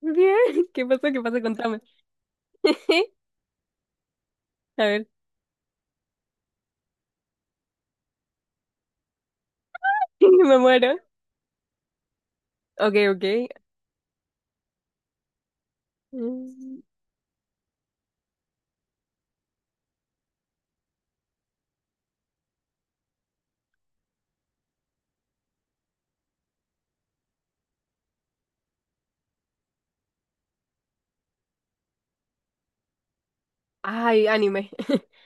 Bien, ¿qué pasa? ¿Qué pasa? Contame. A ver, me muero. Ok, ok. Mm. Ay, anime.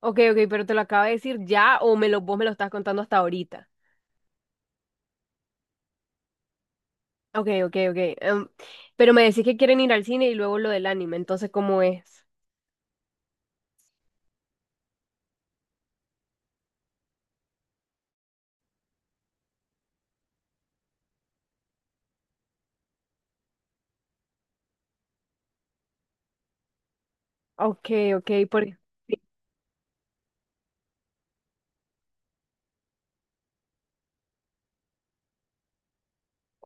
Ok, ok, pero te lo acabo de decir ya o vos me lo estás contando hasta ahorita. Ok, ok, ok. Pero me decís que quieren ir al cine y luego lo del anime, entonces, ¿cómo es? Ok, ok, sí.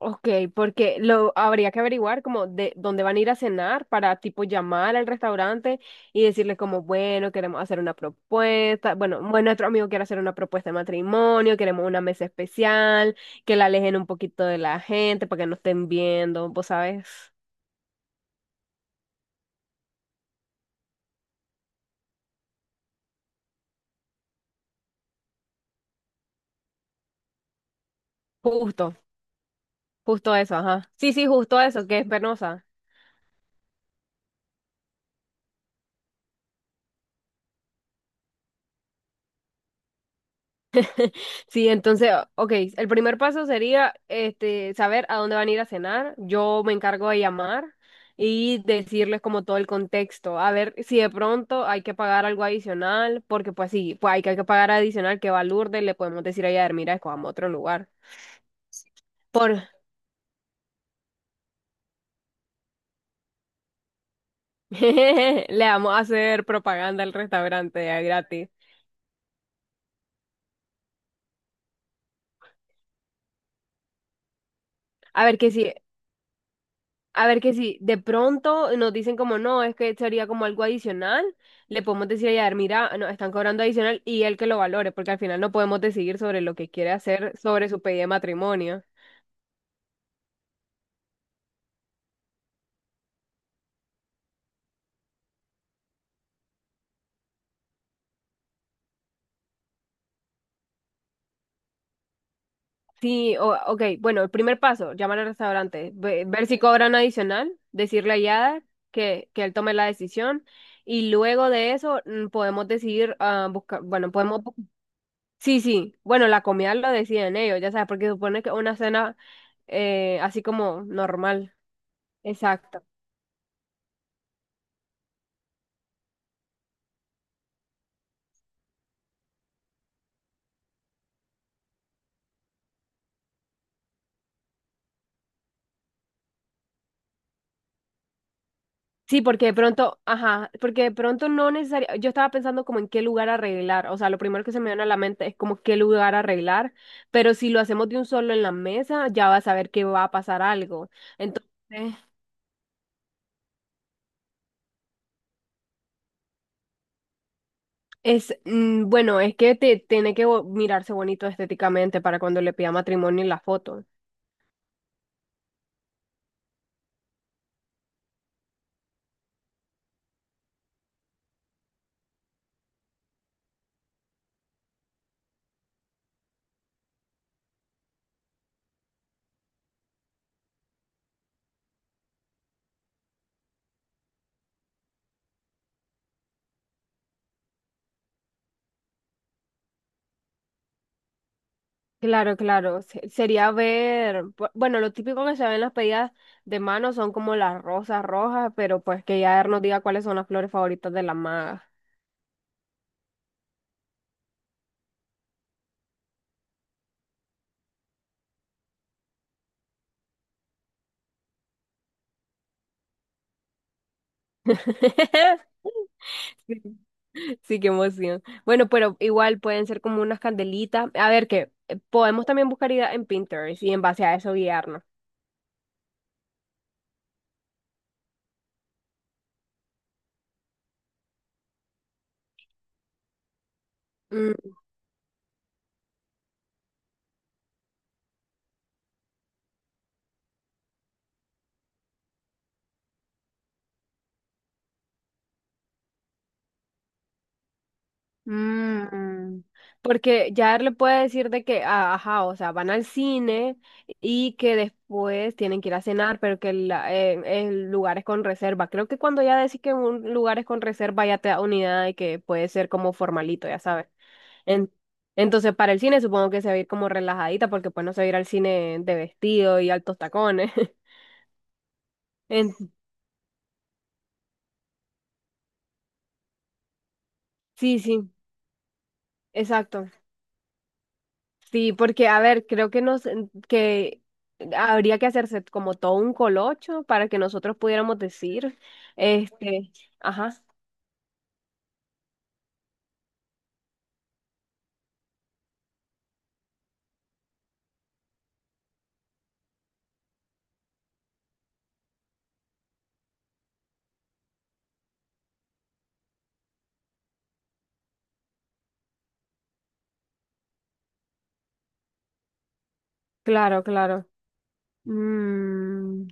Ok, porque lo habría que averiguar como de dónde van a ir a cenar para tipo llamar al restaurante y decirle como, bueno, queremos hacer una propuesta, bueno, nuestro amigo quiere hacer una propuesta de matrimonio, queremos una mesa especial, que la alejen un poquito de la gente para que no estén viendo, vos sabes. justo, Justo eso, ajá. Sí, sí, justo eso, que es penosa. Sí, entonces, ok, el primer paso sería este: saber a dónde van a ir a cenar. Yo me encargo de llamar y decirles como todo el contexto, a ver si de pronto hay que pagar algo adicional, porque pues sí, hay que pagar adicional. Que va Lourdes, le podemos decir a ella: mira, escojamos otro lugar. Por Le vamos a hacer propaganda al restaurante ya gratis. A ver que sí. A ver que si de pronto nos dicen como no, es que sería como algo adicional, le podemos decir a Yadar: mira, no, están cobrando adicional, y él que lo valore, porque al final no podemos decidir sobre lo que quiere hacer sobre su pedido de matrimonio. Ok, bueno, el primer paso: llamar al restaurante, ver si cobran adicional, decirle a Yadar que él tome la decisión, y luego de eso podemos decidir ah, buscar, bueno, podemos, bu- sí, sí, bueno, la comida lo deciden ellos, ya sabes, porque supone que una cena así como normal. Exacto. Sí, porque de pronto, ajá, porque de pronto no necesariamente. Yo estaba pensando como en qué lugar arreglar, o sea, lo primero que se me viene a la mente es como qué lugar arreglar, pero si lo hacemos de un solo en la mesa, ya vas a ver que va a pasar algo. Entonces, bueno, tiene que mirarse bonito estéticamente para cuando le pida matrimonio en la foto. Claro, claro, sería ver, bueno, lo típico que se ve en las pedidas de mano son como las rosas rojas, pero pues que ya nos diga cuáles son las flores favoritas de la maga. Sí, sí, qué emoción. Bueno, pero igual pueden ser como unas candelitas. A ver, que podemos también buscar ideas en Pinterest y en base a eso guiarnos. Mm. Mm. Porque ya él le puede decir de que, ah, ajá, o sea, van al cine y que después tienen que ir a cenar, pero que el lugar es con reserva. Creo que cuando ya decís que un lugar es con reserva, ya te da una idea de que puede ser como formalito, ya sabes. En- entonces, para el cine supongo que se va a ir como relajadita, porque pues no se va a ir al cine de vestido y altos tacones. En- sí, sí, exacto. Sí, porque a ver, creo que nos que habría que hacerse como todo un colocho para que nosotros pudiéramos decir, este, ajá, claro, claro. Mm.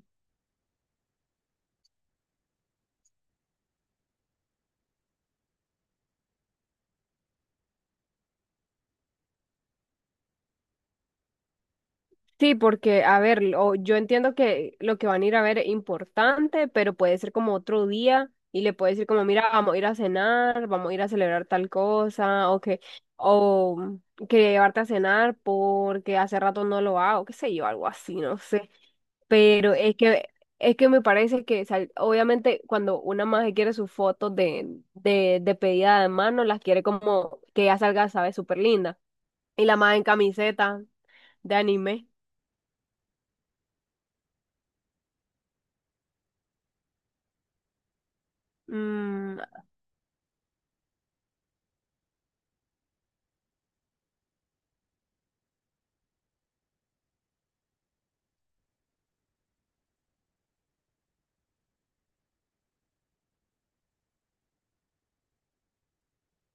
Sí, porque, a ver, o yo entiendo que lo que van a ir a ver es importante, pero puede ser como otro día, y le puede decir como: mira, vamos a ir a cenar, vamos a ir a celebrar tal cosa, o que, o quería llevarte a cenar porque hace rato no lo hago, qué sé yo, algo así, no sé. Pero es que, es que me parece que, obviamente, cuando una maje quiere sus fotos de pedida de mano, las quiere como que ya salga, sabe, súper linda. Y la maje en camiseta de anime. mm,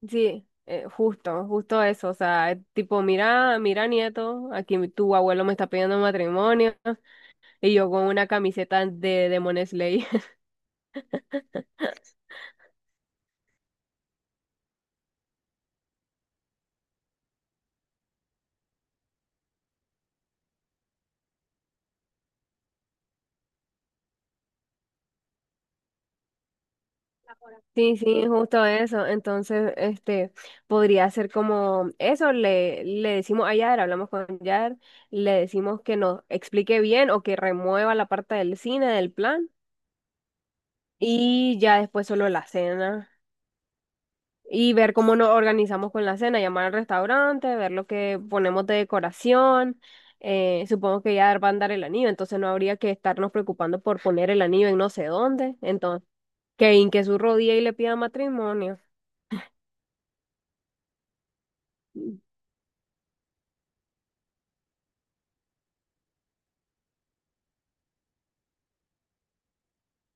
Sí, justo eso, o sea, es tipo: mira, mira, nieto, aquí tu abuelo me está pidiendo matrimonio y yo con una camiseta de Demon Slayer. Sí, sí, justo eso. Entonces, este, podría ser como eso, le decimos a Yar, hablamos con Yar, le decimos que nos explique bien o que remueva la parte del cine del plan y ya después solo la cena. Y ver cómo nos organizamos con la cena, llamar al restaurante, ver lo que ponemos de decoración. Supongo que ya van a dar el anillo, entonces no habría que estarnos preocupando por poner el anillo en no sé dónde. Entonces, que hinque su rodilla y le pida matrimonio.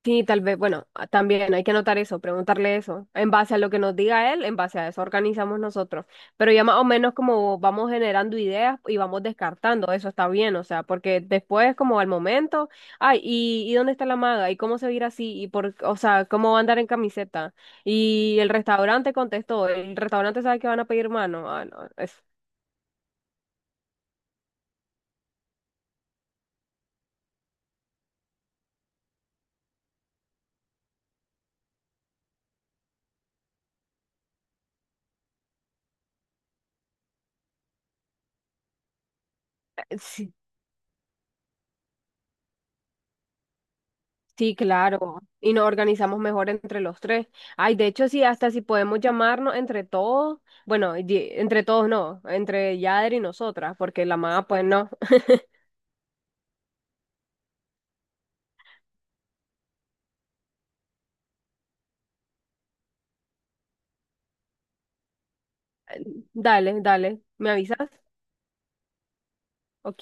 Sí, tal vez, bueno, también hay que anotar eso, preguntarle eso. En base a lo que nos diga él, en base a eso organizamos nosotros. Pero ya más o menos como vamos generando ideas y vamos descartando, eso está bien, o sea, porque después como al momento: ay, ¿y dónde está la maga? ¿Y cómo se va a ir así? ¿Y por, o sea, cómo va a andar en camiseta? Y el restaurante contestó, el restaurante sabe que van a pedir mano. Ah, no, es, Sí. Sí, claro. Y nos organizamos mejor entre los tres. Ay, de hecho, sí, hasta si podemos llamarnos entre todos. Bueno, y- Entre todos no, entre Yader y nosotras, porque la mamá, pues no. Dale, dale. ¿Me avisas? Ok.